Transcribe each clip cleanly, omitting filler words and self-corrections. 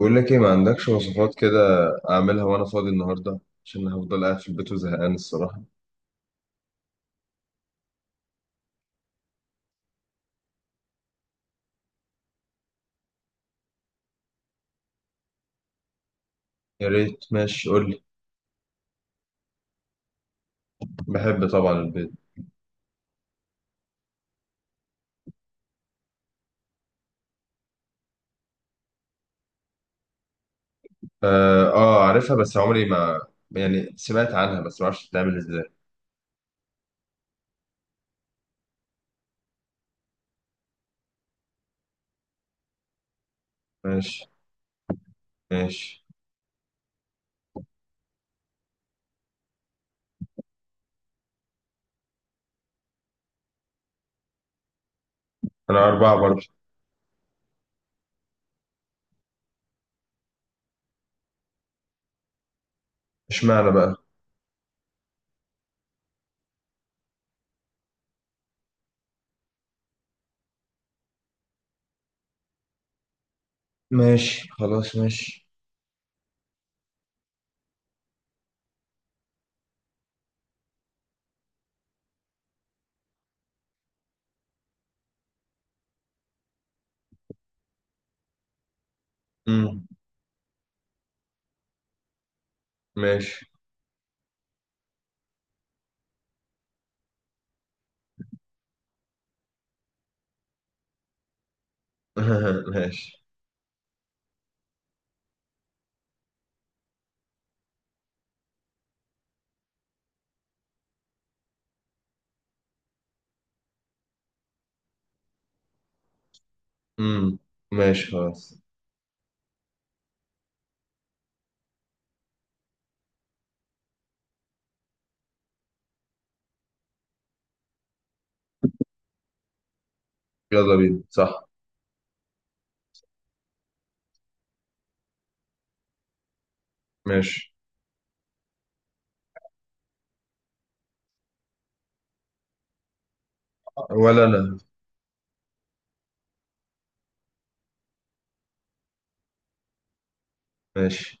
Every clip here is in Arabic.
بقول لك ايه، ما عندكش وصفات كده؟ اعملها وانا فاضي النهارده عشان هفضل قاعد في البيت وزهقان الصراحه. يا ريت. ماشي، قول لي. بحب طبعا البيض. اه، آه، عارفها. بس عمري ما، يعني، سمعت عنها، بس ما اعرفش بتتعمل ازاي. ماشي. ماشي. انا اربعه برضه. اشمعنى بقى؟ ماشي، خلاص، ماشي. امم. ماشي. ماشي. امم. ماشي، خلاص. يلا بينا، صح؟ ماشي. ولا انا. ماشي.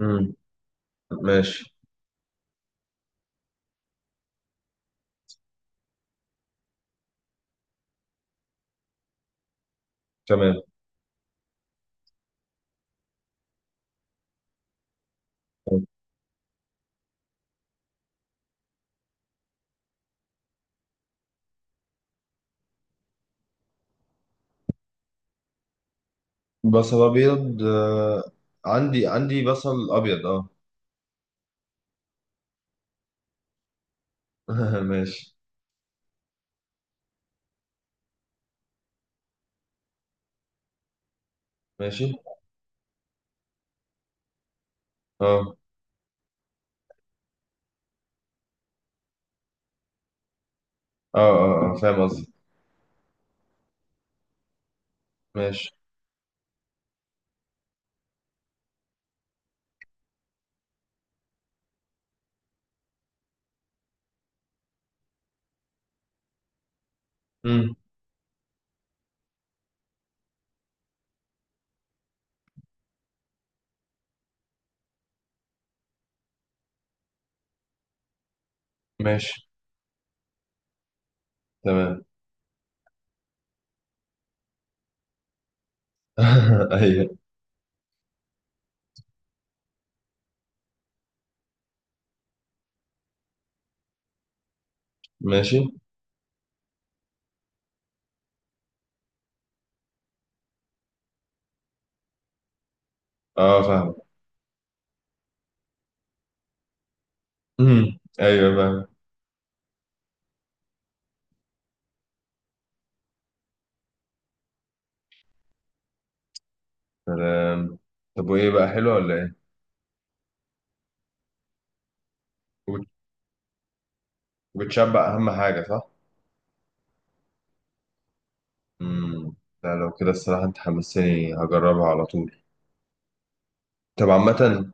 امم. ماشي. تمام. بصل ابيض، عندي بصل ابيض، اه. ماشي. ماشي. اه، اه، اه، آه. فاهم قصدي. ماشي. امم. ماشي. تمام. ايوه. ماشي. اه، فاهم. امم، ايوه، فاهم. سلام. طب، وايه بقى، حلوه ولا ايه؟ وبت- وبتشبع اهم حاجه، صح؟ امم. لا، لو كده الصراحه انت حمسني، هجربها على طول. طب، عامه.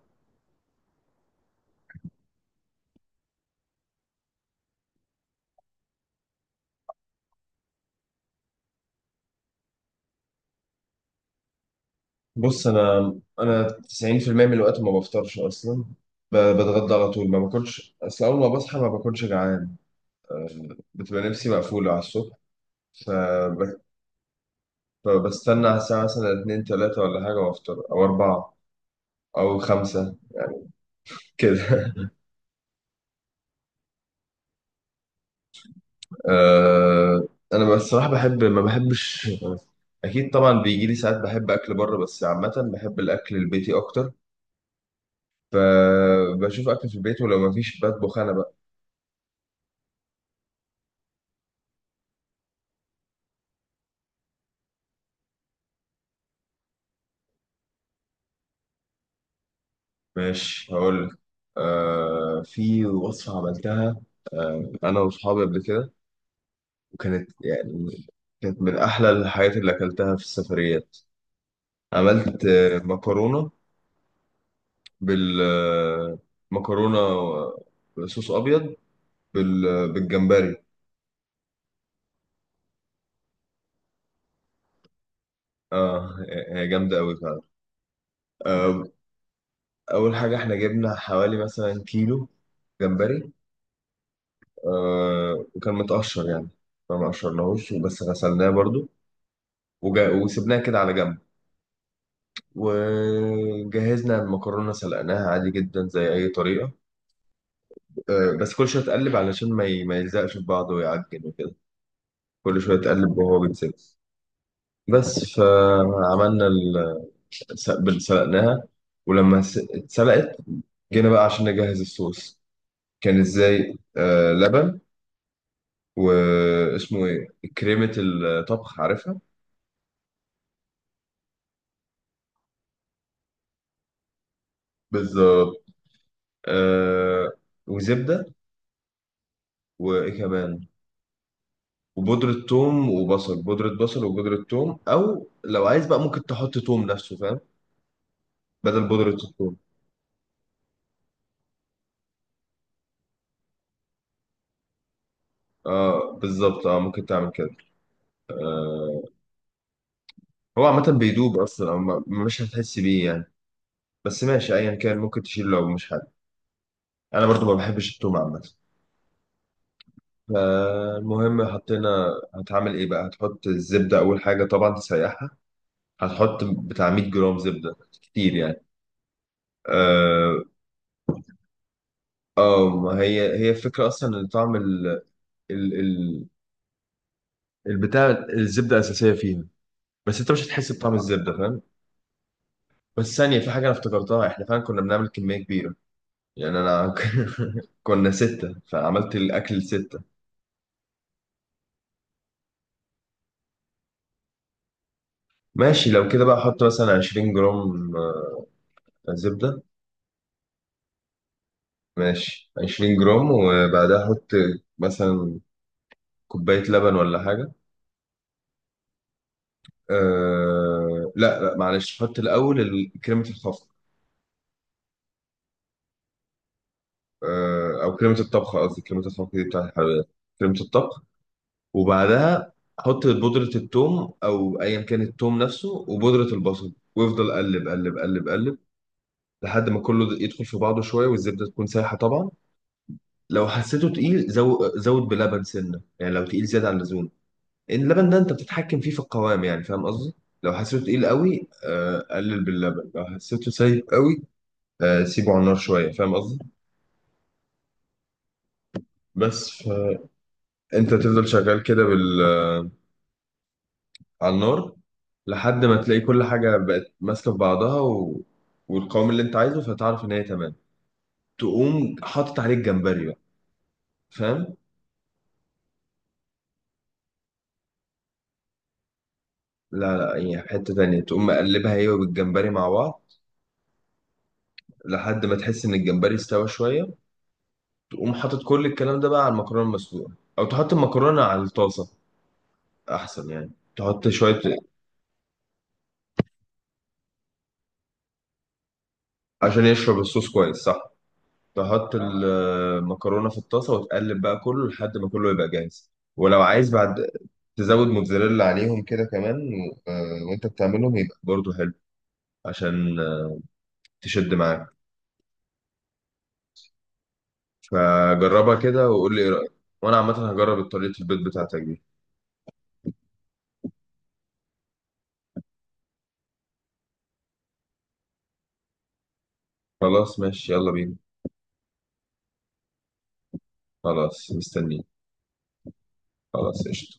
بص، انا 90% من الوقت ما بفطرش اصلا. بتغدى على طول، ما باكلش، اصل اول ما بصحى ما باكلش جعان. أه، بتبقى نفسي مقفوله على الصبح. فب- فبستنى على الساعه مثلا 2 3 ولا حاجه، وافطر، او 4 او 5 كده. أه، انا بصراحه بحب، ما بحبش. اكيد طبعا بيجي لي ساعات بحب اكل بره، بس عامه بحب الاكل البيتي اكتر. فبشوف اكل في البيت، ولو ما فيش بطبخ انا. ماشي، هقول لك. في وصفة عملتها أنا وأصحابي قبل كده. وكانت يعني، كانت من أحلى الحاجات اللي أكلتها في السفريات. عملت مكرونة بال آه، مكرونة بصوص أبيض بال... بالجمبري. آه. هي جامدة أوي فعلا. آه. أول حاجة، إحنا جبنا حوالي مثلا كيلو جمبري. وكان متقشر يعني. ما مقشرناهوش بس غسلناه برضو. وسبناه كده على جنب. وجهزنا المكرونة، سلقناها عادي جدا زي أي طريقة. بس كل شوية تقلب علشان ما يلزقش في بعضه ويعجن وكده. كل شوية تقلب وهو بيتسلق. بس فعملنا سلقناها. ولما اتسلقت، جينا بقى عشان نجهز الصوص. كان ازاي، لبن، واسمه ايه؟ كريمة الطبخ، عارفها؟ بالظبط. آه. وزبدة. وايه كمان؟ وبودرة ثوم وبصل، بودرة بصل وبودرة ثوم، أو لو عايز بقى ممكن تحط ثوم نفسه، فاهم؟ بدل بودرة الثوم. اه، بالظبط، اه، ممكن تعمل كده. آه. هو عامة بيدوب أصلا، أو مش هتحس بيه يعني. بس ماشي، أيا كان، ممكن تشيل لو مش حابب. أنا برضو ما بحبش الثوم عامة. فالمهم حطينا. هتعمل إيه بقى؟ هتحط الزبدة أول حاجة، طبعا تسيحها. هتحط بتاع 100 جرام زبدة، كتير يعني. اه. ما هي الفكرة أصلا إن طعم ال- ال- البتاع الزبده اساسيه فيها، بس انت مش هتحس بطعم الزبده، فاهم؟ بس ثانيه، في حاجه انا افتكرتها. احنا فعلا كنا بنعمل كميه كبيره، يعني انا. كنا سته، فعملت الاكل لسته. ماشي، لو كده بقى احط مثلا 20 جرام زبده. ماشي، 20 جرام، وبعدها احط مثلا كوبايه لبن ولا حاجه. أه، لا، لا، معلش، حط الاول كريمه الخفق. او كريمه الطبخ قصدي، كريمه الخفق دي بتاعت الحلويات، كريمه الطبخ. وبعدها حط بودرة التوم أو أيا كان التوم نفسه، وبودرة البصل، وافضل قلب قلب قلب قلب لحد ما كله يدخل في بعضه شوية، والزبدة تكون سايحة طبعا. لو حسيته تقيل، زود بلبن سنة يعني، لو تقيل زيادة عن اللزوم. إن اللبن ده أنت بتتحكم فيه في القوام، يعني فاهم قصدي؟ لو حسيته تقيل قوي، قلل باللبن. لو حسيته سايب قوي، سيبه على النار شوية، فاهم قصدي؟ بس، فأنت تفضل شغال كده بال على النار، لحد ما تلاقي كل حاجة بقت ماسكة في بعضها، والقوام اللي انت عايزه، فتعرف ان هي تمام. تقوم حاطط عليه الجمبري بقى، فاهم؟ لا، لا، هي في حتة تانية، تقوم مقلبها هي والجمبري مع بعض لحد ما تحس ان الجمبري استوى شوية. تقوم حاطط كل الكلام ده بقى على المكرونة المسلوقة، او تحط المكرونة على الطاسة احسن يعني، تحط شوية عشان يشرب الصوص كويس، صح؟ تحط المكرونة في الطاسة وتقلب بقى كله لحد ما كله يبقى جاهز. ولو عايز بعد، تزود موتزاريلا عليهم كده كمان، وانت بتعملهم يبقى برضو حلو، عشان تشد معاك. فجربها كده وقول لي ايه رأيك، وانا عامة هجرب طريقة البيض بتاعتك دي. خلاص، ماشي، يلا بينا. خلاص، مستنيك. خلاص، قشطة.